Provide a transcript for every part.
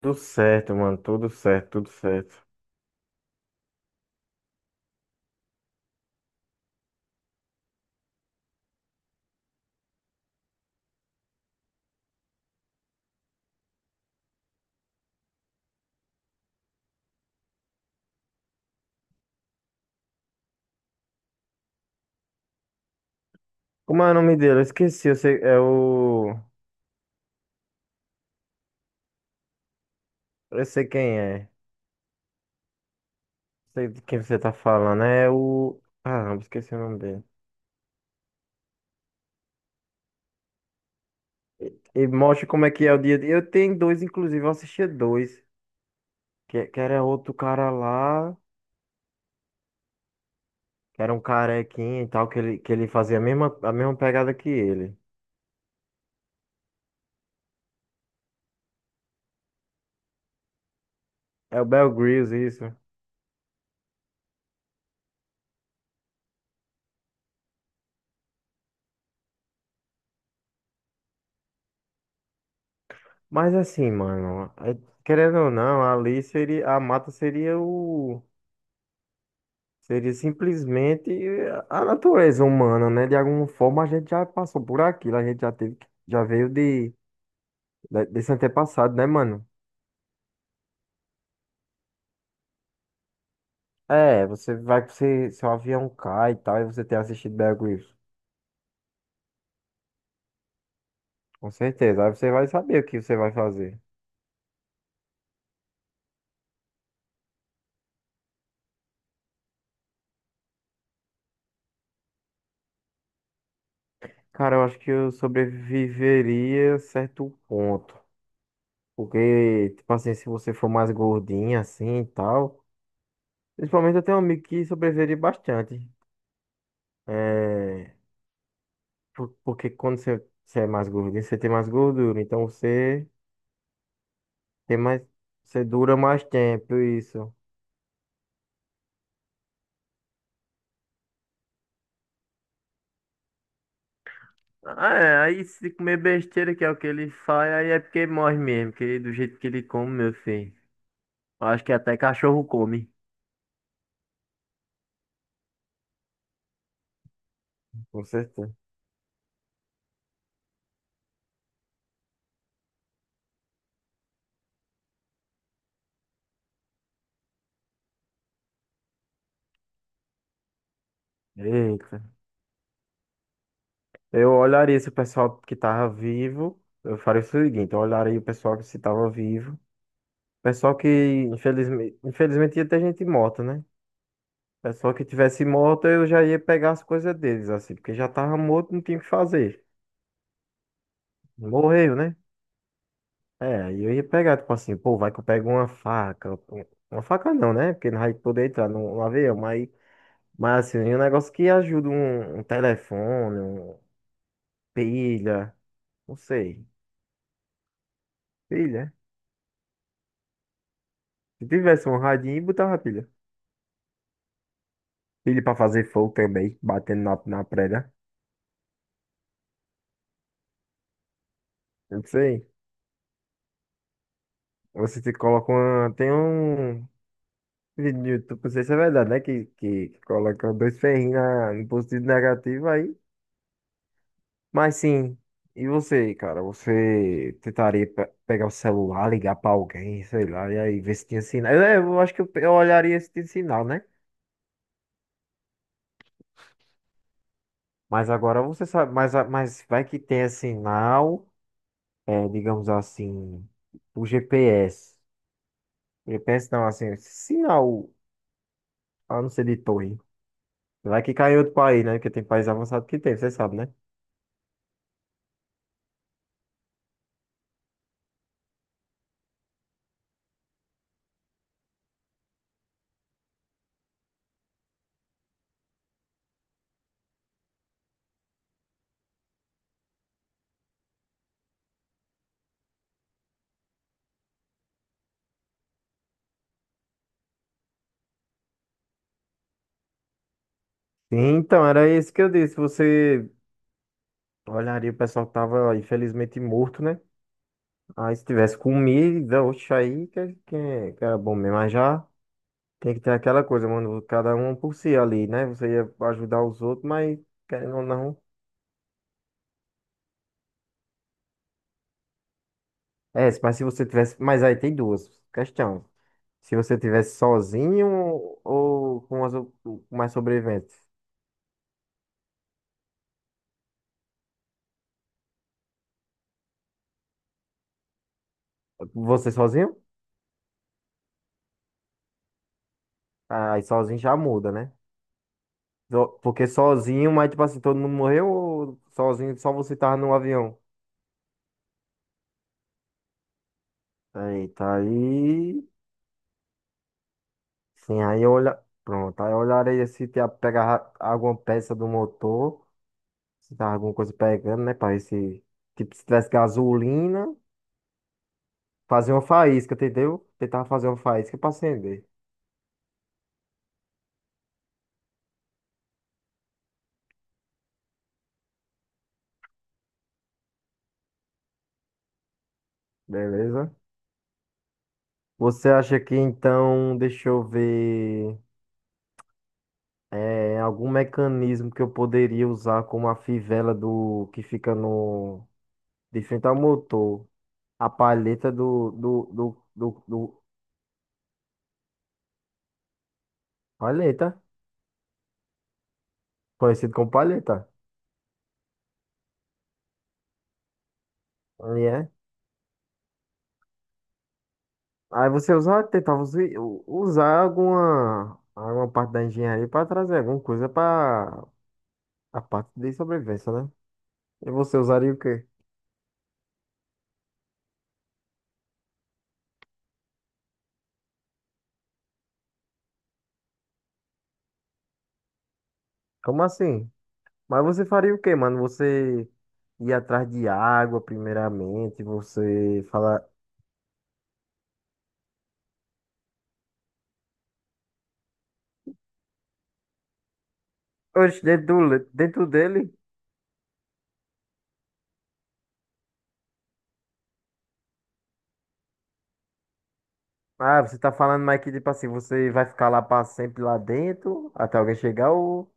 Tudo certo, mano. Tudo certo, tudo certo. Como é o nome dele? Eu esqueci. Eu sei, é o. Eu sei quem é. Sei de quem você tá falando. É o. Caramba, esqueci o nome dele. E mostra como é que é o dia a dia. Eu tenho dois, inclusive. Eu assistia dois. Que era outro cara lá. Que era um carequinho e tal. Que ele fazia a mesma pegada que ele. É o Bear Grylls, isso. Mas assim, mano. Querendo ou não, a Alice seria. A Mata seria o. Seria simplesmente a natureza humana, né? De alguma forma a gente já passou por aquilo, a gente já teve, já veio de, desse antepassado, né, mano? É, você vai que você, seu avião cai e tal, e você tem assistido Bear Grylls. Com certeza, aí você vai saber o que você vai fazer. Cara, eu acho que eu sobreviveria a certo ponto. Porque, tipo assim, se você for mais gordinha assim e tal. Principalmente eu tenho um amigo que sobreviveria bastante. É, Porque quando você é mais gordinho, você tem mais gordura. Então você tem mais. Você dura mais tempo, isso. Ah, é, aí se comer besteira, que é o que ele faz, aí é porque morre mesmo, que do jeito que ele come, meu filho. Eu acho que até cachorro come. Com certeza. Eita. Eu olharia se o pessoal que tava vivo. Eu faria o seguinte: eu olharia o pessoal que se tava vivo. Pessoal que, infelizmente, infelizmente ia ter gente morta, né? Pessoal que tivesse morto, eu já ia pegar as coisas deles, assim, porque já tava morto, não tinha o que fazer. Morreu, né? É, aí eu ia pegar, tipo assim, pô, vai que eu pego uma faca. Uma faca não, né? Porque não vai poder entrar no avião, mas assim, um negócio que ajuda um, um telefone, um, pilha, não sei. Pilha? Se tivesse um radinho, botava pilha. Pilha pra fazer fogo também, batendo na prega. Não sei. Você te coloca uma. Tem um. E no YouTube, não sei se é verdade, né? Que colocam dois ferrinhos no positivo e negativo aí. Mas sim, e você, cara? Você tentaria pegar o celular, ligar pra alguém, sei lá, e aí ver se tinha sinal. Eu acho que eu, eu olharia se tinha sinal, né? Mas agora você sabe, mas, mas vai que tenha sinal, é, digamos assim, o GPS. GPS não, assim, sinal, a não ser de torre. Vai que cai em outro país, né? Porque tem país avançado que tem, você sabe, né? Então, era isso que eu disse. Você olharia o pessoal que tava infelizmente morto, né? Aí se tivesse comida, oxe, aí que, é, que, é, que era bom mesmo. Mas já tem que ter aquela coisa, mano. Cada um por si ali, né? Você ia ajudar os outros, mas querendo ou não. É, mas se você tivesse. Mas aí tem duas questões. Se você tivesse sozinho ou com mais sobreviventes. Você sozinho? Aí sozinho já muda, né? Porque sozinho, mas tipo assim, todo mundo morreu ou sozinho, só você tava no avião? Eita, aí. Sim, aí eu olha. Pronto, aí eu olharei se tinha pegar alguma peça do motor, se tava alguma coisa pegando, né? Pra ver se. Tipo, se tivesse gasolina, fazer uma faísca, entendeu? Tentar fazer uma faísca pra acender. Beleza? Você acha que então, deixa eu ver. É, algum mecanismo que eu poderia usar como a fivela do que fica no. De frente ao motor, a palheta palheta, conhecido como palheta. Aí é. Aí você usa, tentava usar alguma parte da engenharia para trazer alguma coisa para a parte de sobrevivência, né? E você usaria o quê? Como assim? Mas você faria o quê, mano? Você ia atrás de água, primeiramente, você falar, oxe, dentro, dentro dele. Ah, você tá falando, mas que tipo assim, você vai ficar lá pra sempre lá dentro, até alguém chegar ou...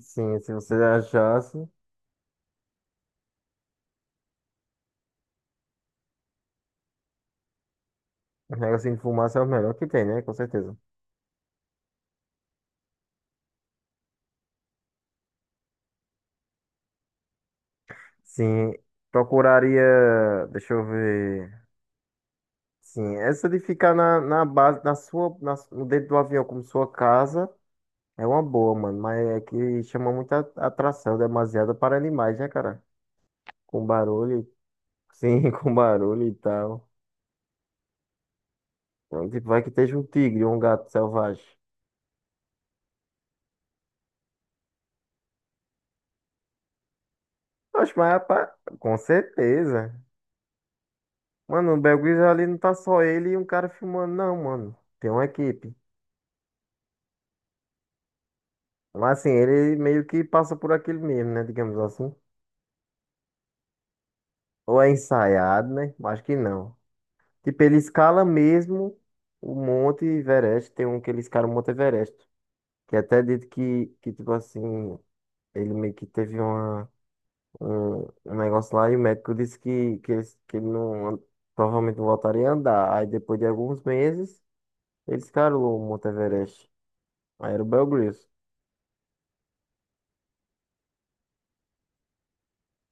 Sim, se você achasse, o negocinho de fumaça é o melhor que tem, né? Com certeza. Sim, procuraria... Deixa eu ver... Sim, essa de ficar na base, no dentro do avião como sua casa, é uma boa, mano. Mas é que chama muita atração, demasiada para animais, né, cara? Com barulho, sim, com barulho e tal. Então, tipo, vai que esteja um tigre ou um gato selvagem. Oxe, mas rapaz, com certeza. Mano, o Belguiz ali não tá só ele e um cara filmando, não, mano. Tem uma equipe. Mas assim, ele meio que passa por aquilo mesmo, né? Digamos assim. Ou é ensaiado, né? Acho que não. Tipo, ele escala mesmo o Monte Everest. Tem um que ele escala o Monte Everest. Que é até dito que tipo assim, ele meio que teve uma, um, um negócio lá e o médico disse que ele não, provavelmente não voltaria a andar. Aí depois de alguns meses. Eles caram o Monte Everest. Aí era o Bear Grylls.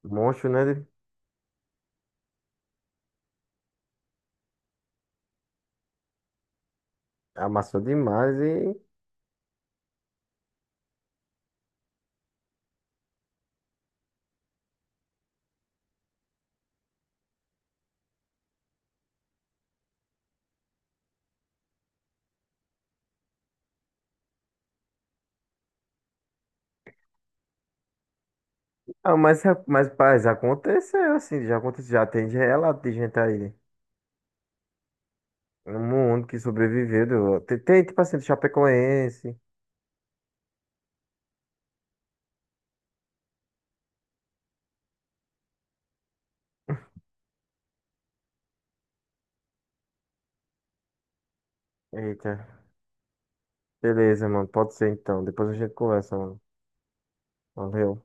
Monstro, né? Amassou demais e. Ah, mas, é, mas, paz, aconteceu assim. Já aconteceu. Já tem de relato de gente aí né? No mundo que sobreviveu. Tem, tem, tipo assim, do Chapecoense. Eita. Beleza, mano. Pode ser então. Depois a gente conversa, mano. Valeu.